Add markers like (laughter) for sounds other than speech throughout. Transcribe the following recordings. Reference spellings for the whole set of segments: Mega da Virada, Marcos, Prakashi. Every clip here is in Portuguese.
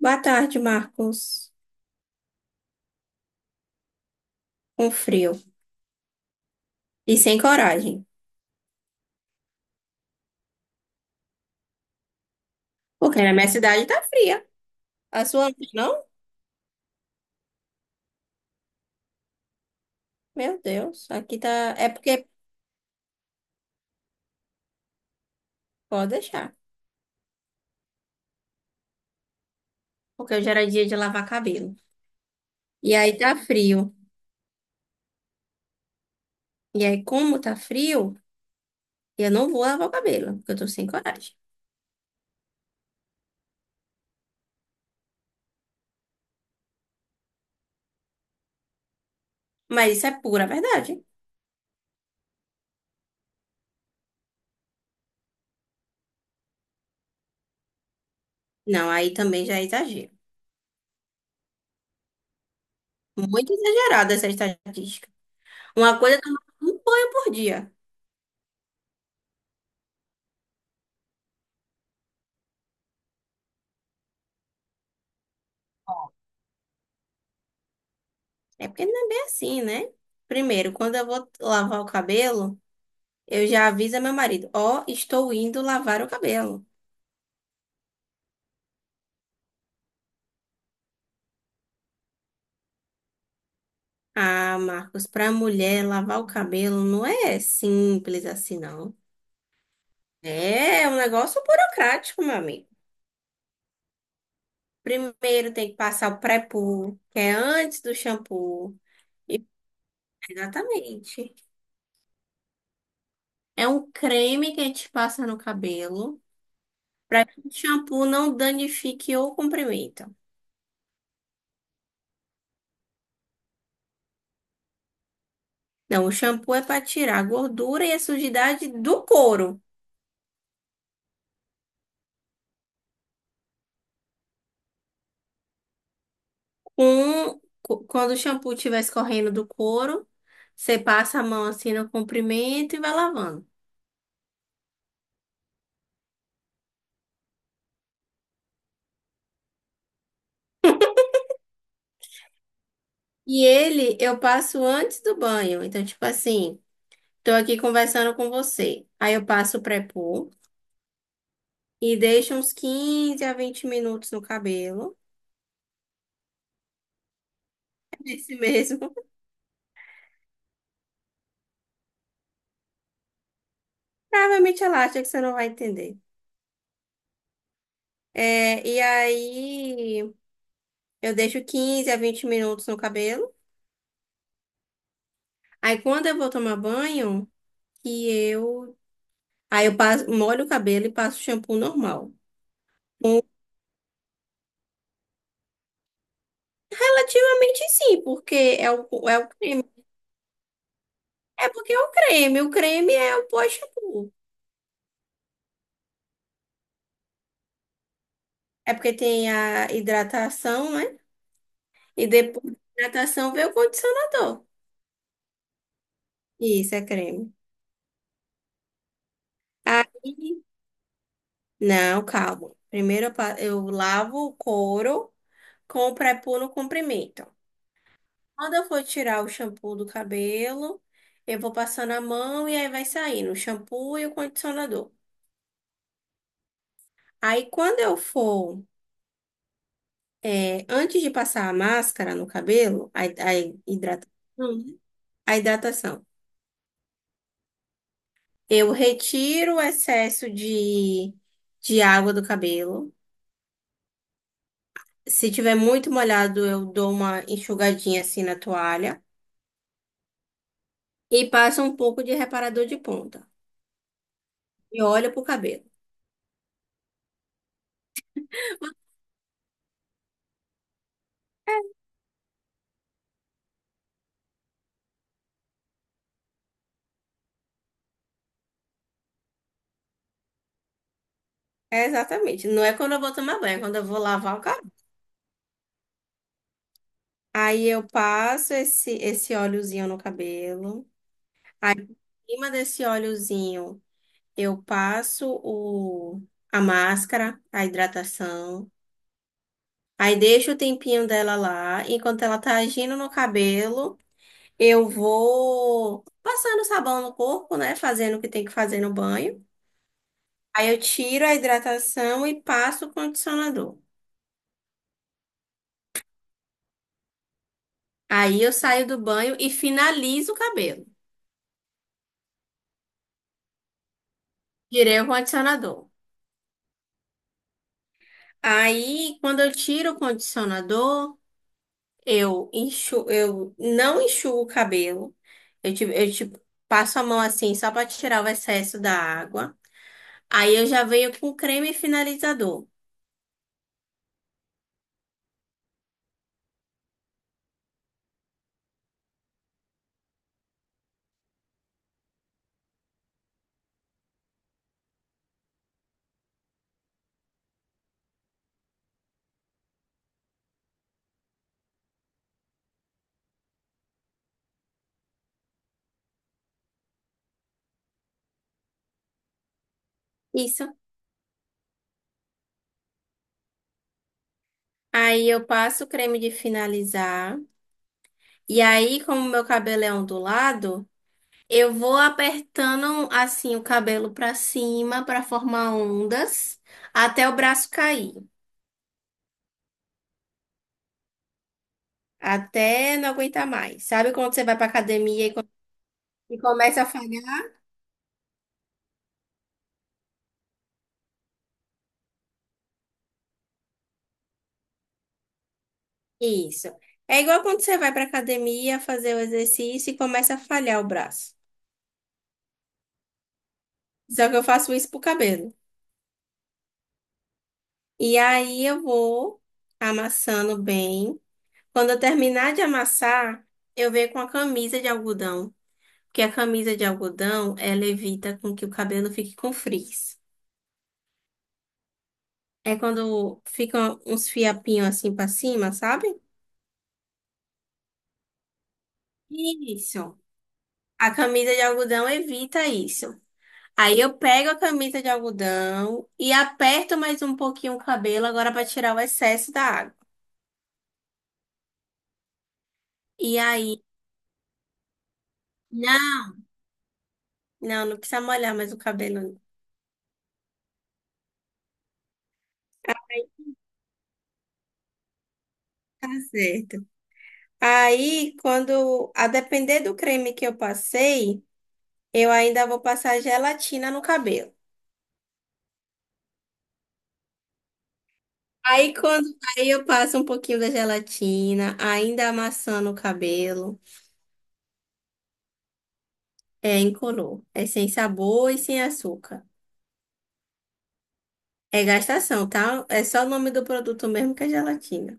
Boa tarde, Marcos. Com frio e sem coragem. Porque na minha cidade tá fria. A sua não? Meu Deus, aqui tá. É porque pode deixar. Porque hoje era dia de lavar cabelo. E aí tá frio. E aí, como tá frio, eu não vou lavar o cabelo, porque eu tô sem coragem. Mas isso é pura verdade. Não, aí também já é exagero. Muito exagerada essa estatística. Uma coisa é tomar um banho por dia. É porque não é bem assim, né? Primeiro, quando eu vou lavar o cabelo. Eu já aviso a meu marido, ó, estou indo lavar o cabelo. Ah, Marcos, para mulher lavar o cabelo não é simples assim, não. É um negócio burocrático, meu amigo. Primeiro tem que passar o pré-poo, que é antes do shampoo. E- Exatamente. É um creme que a gente passa no cabelo para que o shampoo não danifique ou comprometa. Não, o shampoo é para tirar a gordura e a sujidade do couro. Quando o shampoo estiver escorrendo do couro, você passa a mão assim no comprimento e vai lavando. E ele eu passo antes do banho. Então, tipo assim, tô aqui conversando com você. Aí eu passo o pré-poo e deixo uns 15 a 20 minutos no cabelo. (laughs) É esse mesmo. (laughs) Provavelmente ela acha que você não vai entender. É, e aí eu deixo 15 a 20 minutos no cabelo. Aí quando eu vou tomar banho, que eu Aí eu passo, molho o cabelo e passo shampoo normal. Hum, Relativamente sim, porque é o creme. É porque é o creme. O creme é o pós-shampoo. É porque tem a hidratação, né? E depois da hidratação vem o condicionador. Isso, é creme. Aí, não, calma. Primeiro eu, eu lavo o couro com o pré-poo no comprimento. Quando eu for tirar o shampoo do cabelo, eu vou passando a mão e aí vai saindo o shampoo e o condicionador. Aí quando eu for, é, antes de passar a máscara no cabelo, a hidratação, né? A hidratação, eu retiro o excesso de água do cabelo. Se tiver muito molhado, eu dou uma enxugadinha assim na toalha e passo um pouco de reparador de ponta. E olho pro cabelo. É exatamente. Não é quando eu vou tomar banho, é quando eu vou lavar o cabelo. Aí eu passo esse óleozinho no cabelo. Aí, em cima desse óleozinho. Eu passo a máscara, a hidratação. Aí deixo o tempinho dela lá. Enquanto ela tá agindo no cabelo, eu vou passando sabão no corpo, né? Fazendo o que tem que fazer no banho. Aí eu tiro a hidratação e passo o condicionador. Aí eu saio do banho e finalizo o cabelo. Tirei o condicionador. Aí, quando eu tiro o condicionador, eu não enxuo o cabelo. Eu te passo a mão assim só pra tirar o excesso da água. Aí eu já venho com creme finalizador. Isso. Aí eu passo o creme de finalizar. E aí, como meu cabelo é ondulado, eu vou apertando assim o cabelo pra cima pra formar ondas até o braço cair. Até não aguentar mais. Sabe quando você vai pra academia e, e começa a falhar? Isso. É igual quando você vai pra academia fazer o exercício e começa a falhar o braço. Só que eu faço isso pro cabelo. E aí eu vou amassando bem. Quando eu terminar de amassar, eu venho com a camisa de algodão. Porque a camisa de algodão, ela evita com que o cabelo fique com frizz. É quando ficam uns fiapinhos assim pra cima, sabe? Isso. A camisa de algodão evita isso. Aí eu pego a camisa de algodão e aperto mais um pouquinho o cabelo agora para tirar o excesso da água. E aí, não. Não, não precisa molhar mais o cabelo. Não. Tá certo. Aí, quando, a depender do creme que eu passei, eu ainda vou passar gelatina no cabelo. Aí quando, aí eu passo um pouquinho da gelatina, ainda amassando o cabelo. É incolor, é sem sabor e sem açúcar. É gastação, tá? É só o nome do produto mesmo que é gelatina.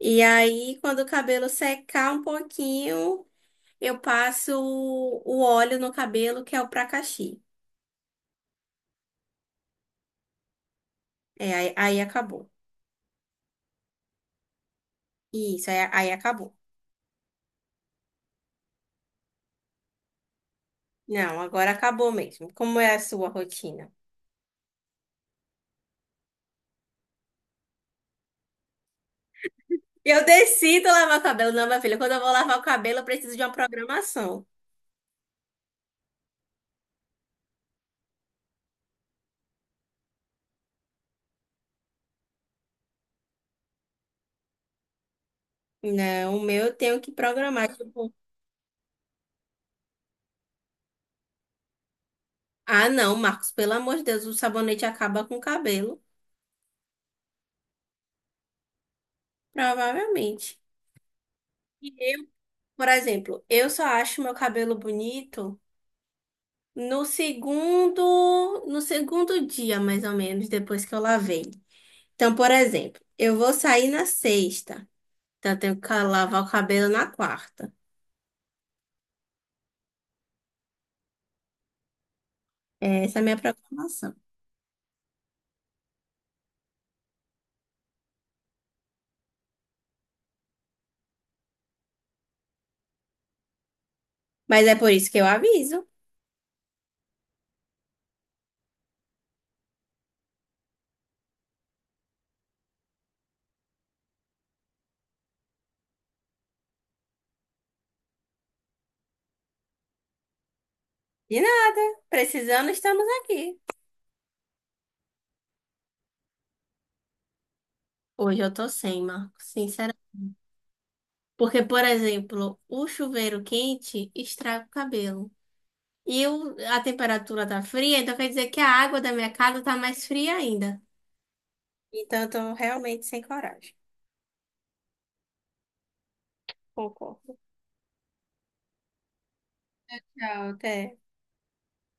E aí, quando o cabelo secar um pouquinho, eu passo o óleo no cabelo, que é o Prakashi. É, aí acabou. Isso, aí acabou. Não, agora acabou mesmo. Como é a sua rotina? Eu decido lavar o cabelo, não, minha filha. Quando eu vou lavar o cabelo, eu preciso de uma programação. Não, o meu eu tenho que programar. Tipo, ah, não, Marcos, pelo amor de Deus, o sabonete acaba com o cabelo. Provavelmente. E eu, por exemplo, eu só acho meu cabelo bonito no segundo dia, mais ou menos, depois que eu lavei. Então, por exemplo, eu vou sair na sexta. Então, eu tenho que lavar o cabelo na quarta. Essa é a minha preocupação. Mas é por isso que eu aviso. E não, precisando, estamos aqui. Hoje eu tô sem, Marco, sinceramente. Porque, por exemplo, o chuveiro quente estraga o cabelo. A temperatura tá fria, então quer dizer que a água da minha casa tá mais fria ainda. Então, eu tô realmente sem coragem. Concordo. Tchau, até.